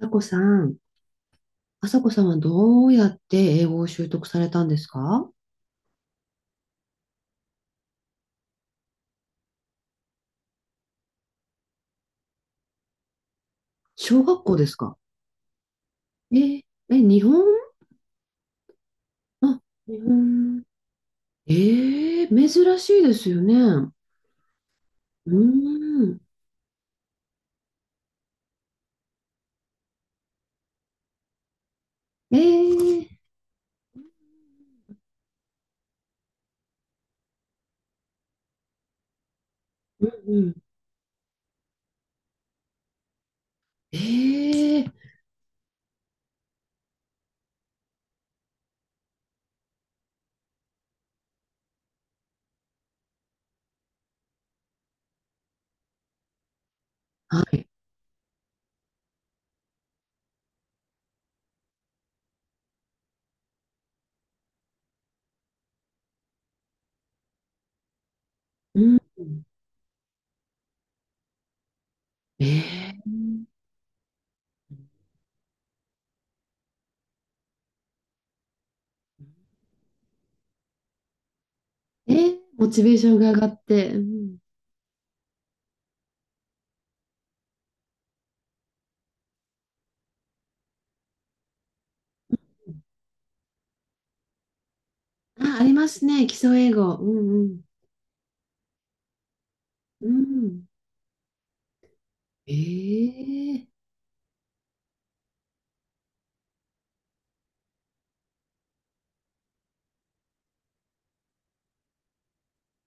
さこさん、あさこさんはどうやって英語を習得されたんですか？小学校ですか？えー、え、日本？あ、日本。え珍しいですよね。うーん。えー、うんうん。えー。はい。うん。えー。モチベーションが上がって。うん。あ、ありますね。基礎英語。うんうん。うん。えー。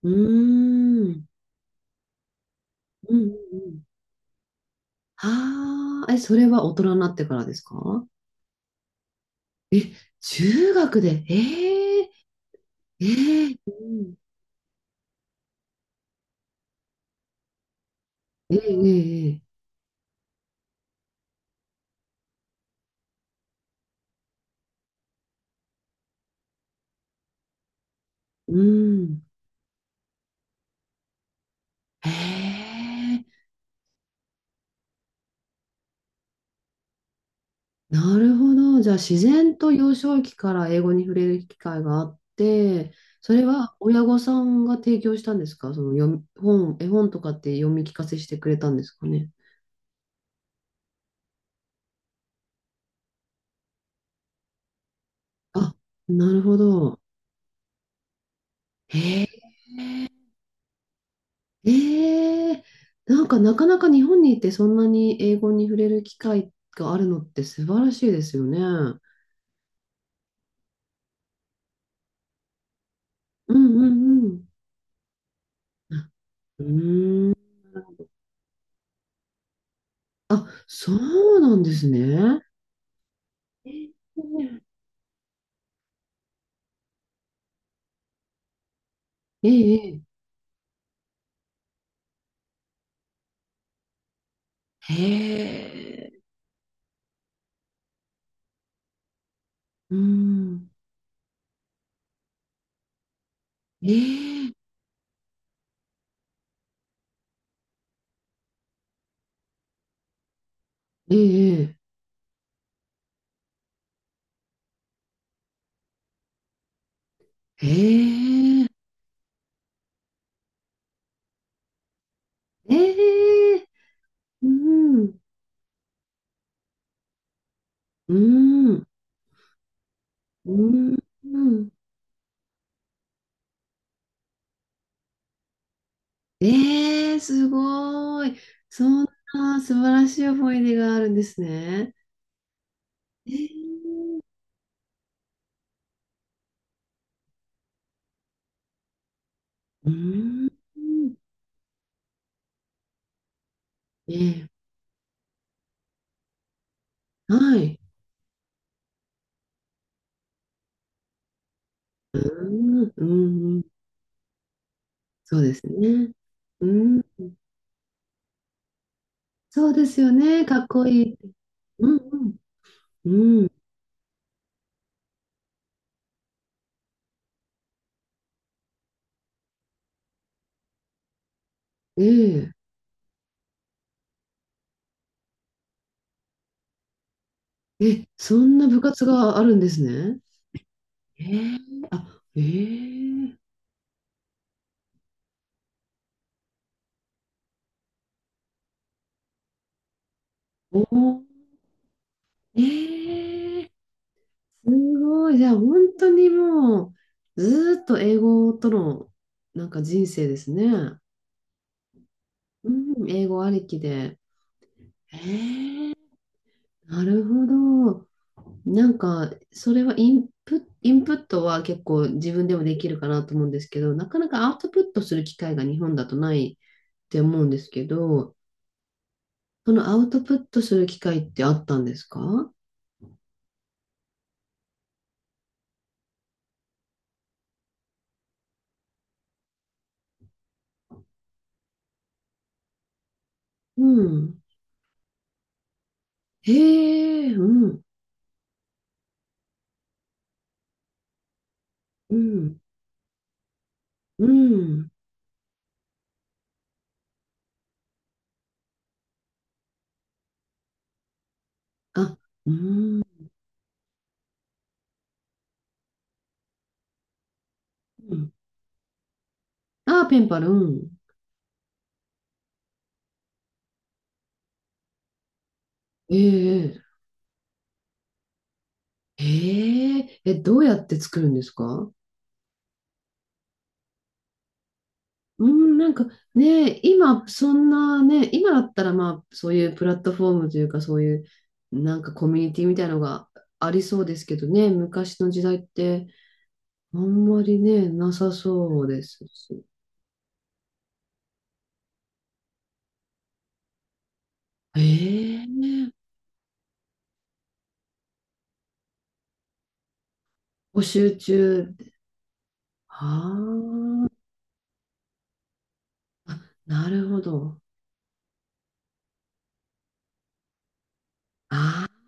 うーん。うんうんうん。ああ、え、それは大人になってからですか？え、中学で、ええ。ええうん。ええええ。うん。へえ。なるほど。じゃあ、自然と幼少期から英語に触れる機会があって、それは親御さんが提供したんですか？その読み、本、絵本とかって読み聞かせしてくれたんですかね。あ、なるほど。へええ。なんかなかなか日本にいてそんなに英語に触れる機会があるのって素晴らしいですよね。うんうんうん。うーん。あ、そうなんですね。ええええ。へえ。うん。ええええええええ。うん。うん。うん。うん。ええ、すごい。そんな素晴らしい思い出があるんですね。ええ。うーん。ええ。はい。うーん、うん、うん。そうですね。うん、そうですよね。かっこいい。うん、うん、うん。えええ、そんな部活があるんですね。ええ、あ、ええ。おー。ええ。すごい。じゃあ、本当にもう、ずーっと英語との、なんか人生ですね。うん、英語ありきで。えー。なるほど。なんか、それはインプットは結構自分でもできるかなと思うんですけど、なかなかアウトプットする機会が日本だとないって思うんですけど、そのアウトプットする機会ってあったんですか？うん。へえ。うん、うん、うん。あ、うん。ああ、ペンパル、うん。えええええ、どうやって作るんですか？うん、なんかね、今、そんなね、今だったら、まあ、そういうプラットフォームというか、そういう、なんかコミュニティみたいなのがありそうですけどね、昔の時代って、あんまりね、なさそうですし。ええ。募集中。ああ、なるほど。ああ。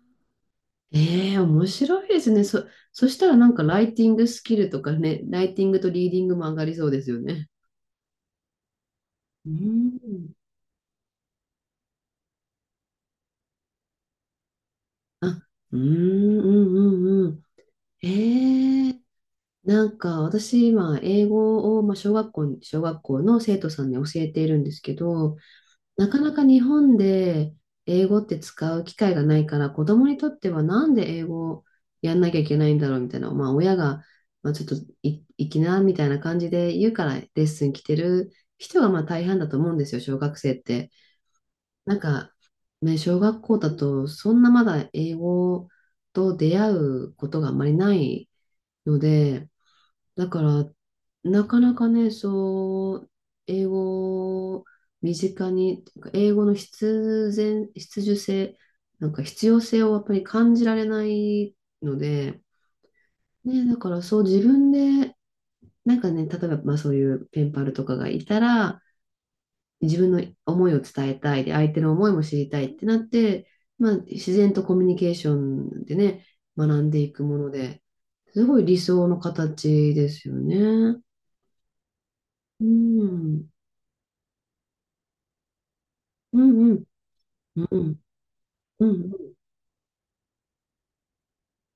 ええ、面白いですね。そしたらなんかライティングスキルとかね、ライティングとリーディングも上がりそうですよね。うん。あ、うん、うん、うん、うん。ええ、なんか私今、英語を、まあ、小学校に、小学校の生徒さんに教えているんですけど、なかなか日本で英語って使う機会がないから、子供にとってはなんで英語をやんなきゃいけないんだろうみたいな、まあ親が、まあ、ちょっとい行きなみたいな感じで言うからレッスン来てる人がまあ大半だと思うんですよ、小学生って。なんか、ね、小学校だとそんなまだ英語と出会うことがあんまりないので、だから、なかなかね、そう、英語を身近に、英語の必然、必需性、なんか必要性をやっぱり感じられないので、ね、だからそう自分で、なんかね、例えばまあそういうペンパルとかがいたら、自分の思いを伝えたいで、相手の思いも知りたいってなって、まあ自然とコミュニケーションでね、学んでいくもので、すごい理想の形ですよね。うん、うん、うん、うん、うん、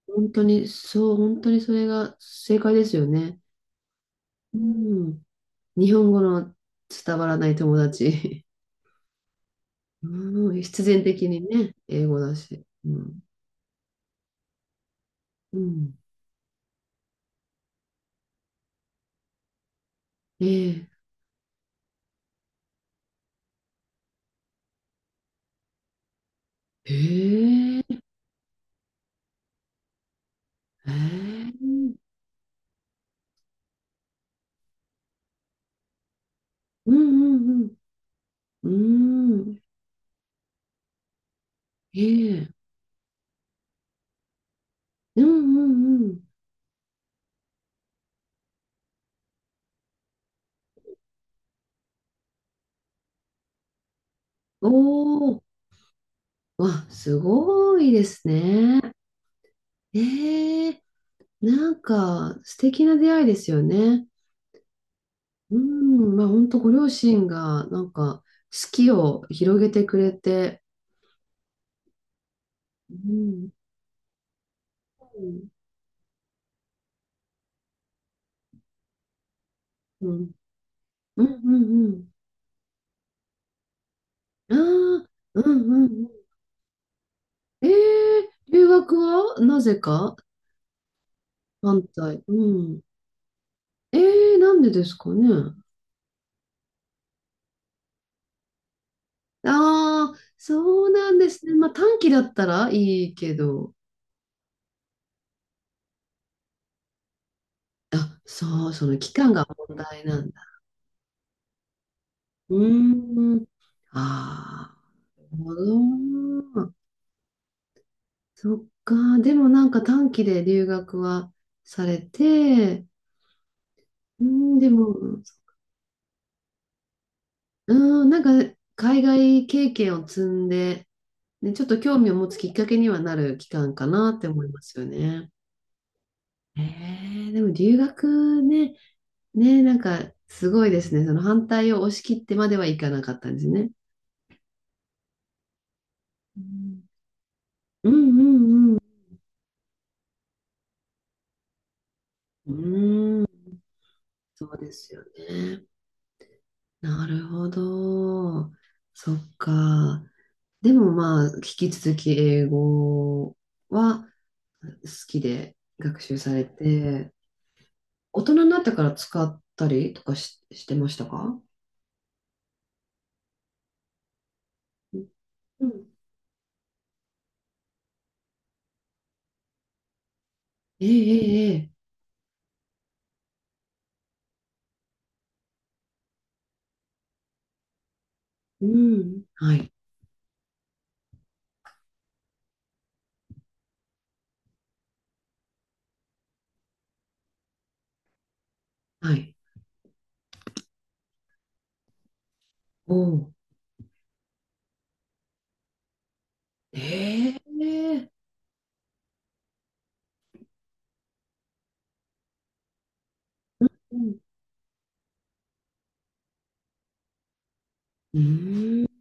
本当に、そう、本当にそれが正解ですよね。うん、日本語の伝わらない友達。うん、必然的にね、英語だし。うん、うん、ええ、ええ、ええ、うん、うん、うん、うん、ええ、うん、うん、うん、おお。わ、すごいですね。ええ、なんか素敵な出会いですよね。うん、まあ本当ご両親がなんか好きを広げてくれて、うん、うん、うん、うん、うん、ああ、うん、うん、うん。ええ、留学はなぜか反対。うん。ええ、なんでですかね。ああ、そうなんですね。まあ短期だったらいいけど、あ、そう、その期間が問題なんだ。うーん、ああ、なるほど。そっか。でもなんか短期で留学はされて、うん、でも、うん、なんか海外経験を積んで、ね、ちょっと興味を持つきっかけにはなる期間かなって思いますよね。えでも留学ね、ね、なんかすごいですね。その反対を押し切ってまではいかなかったんですね。うんうんうんうん。うーん、そうですよね。なるほど。そっか。でもまあ、引き続き英語は好きで学習されて、大人になってから使ったりとかし、してましたか？うん。ええええええ。うん。はい。はい。おお。ええ。うん。うーん。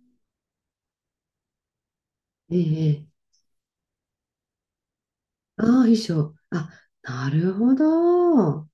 ええええ。ああー、衣装。あ、なるほど。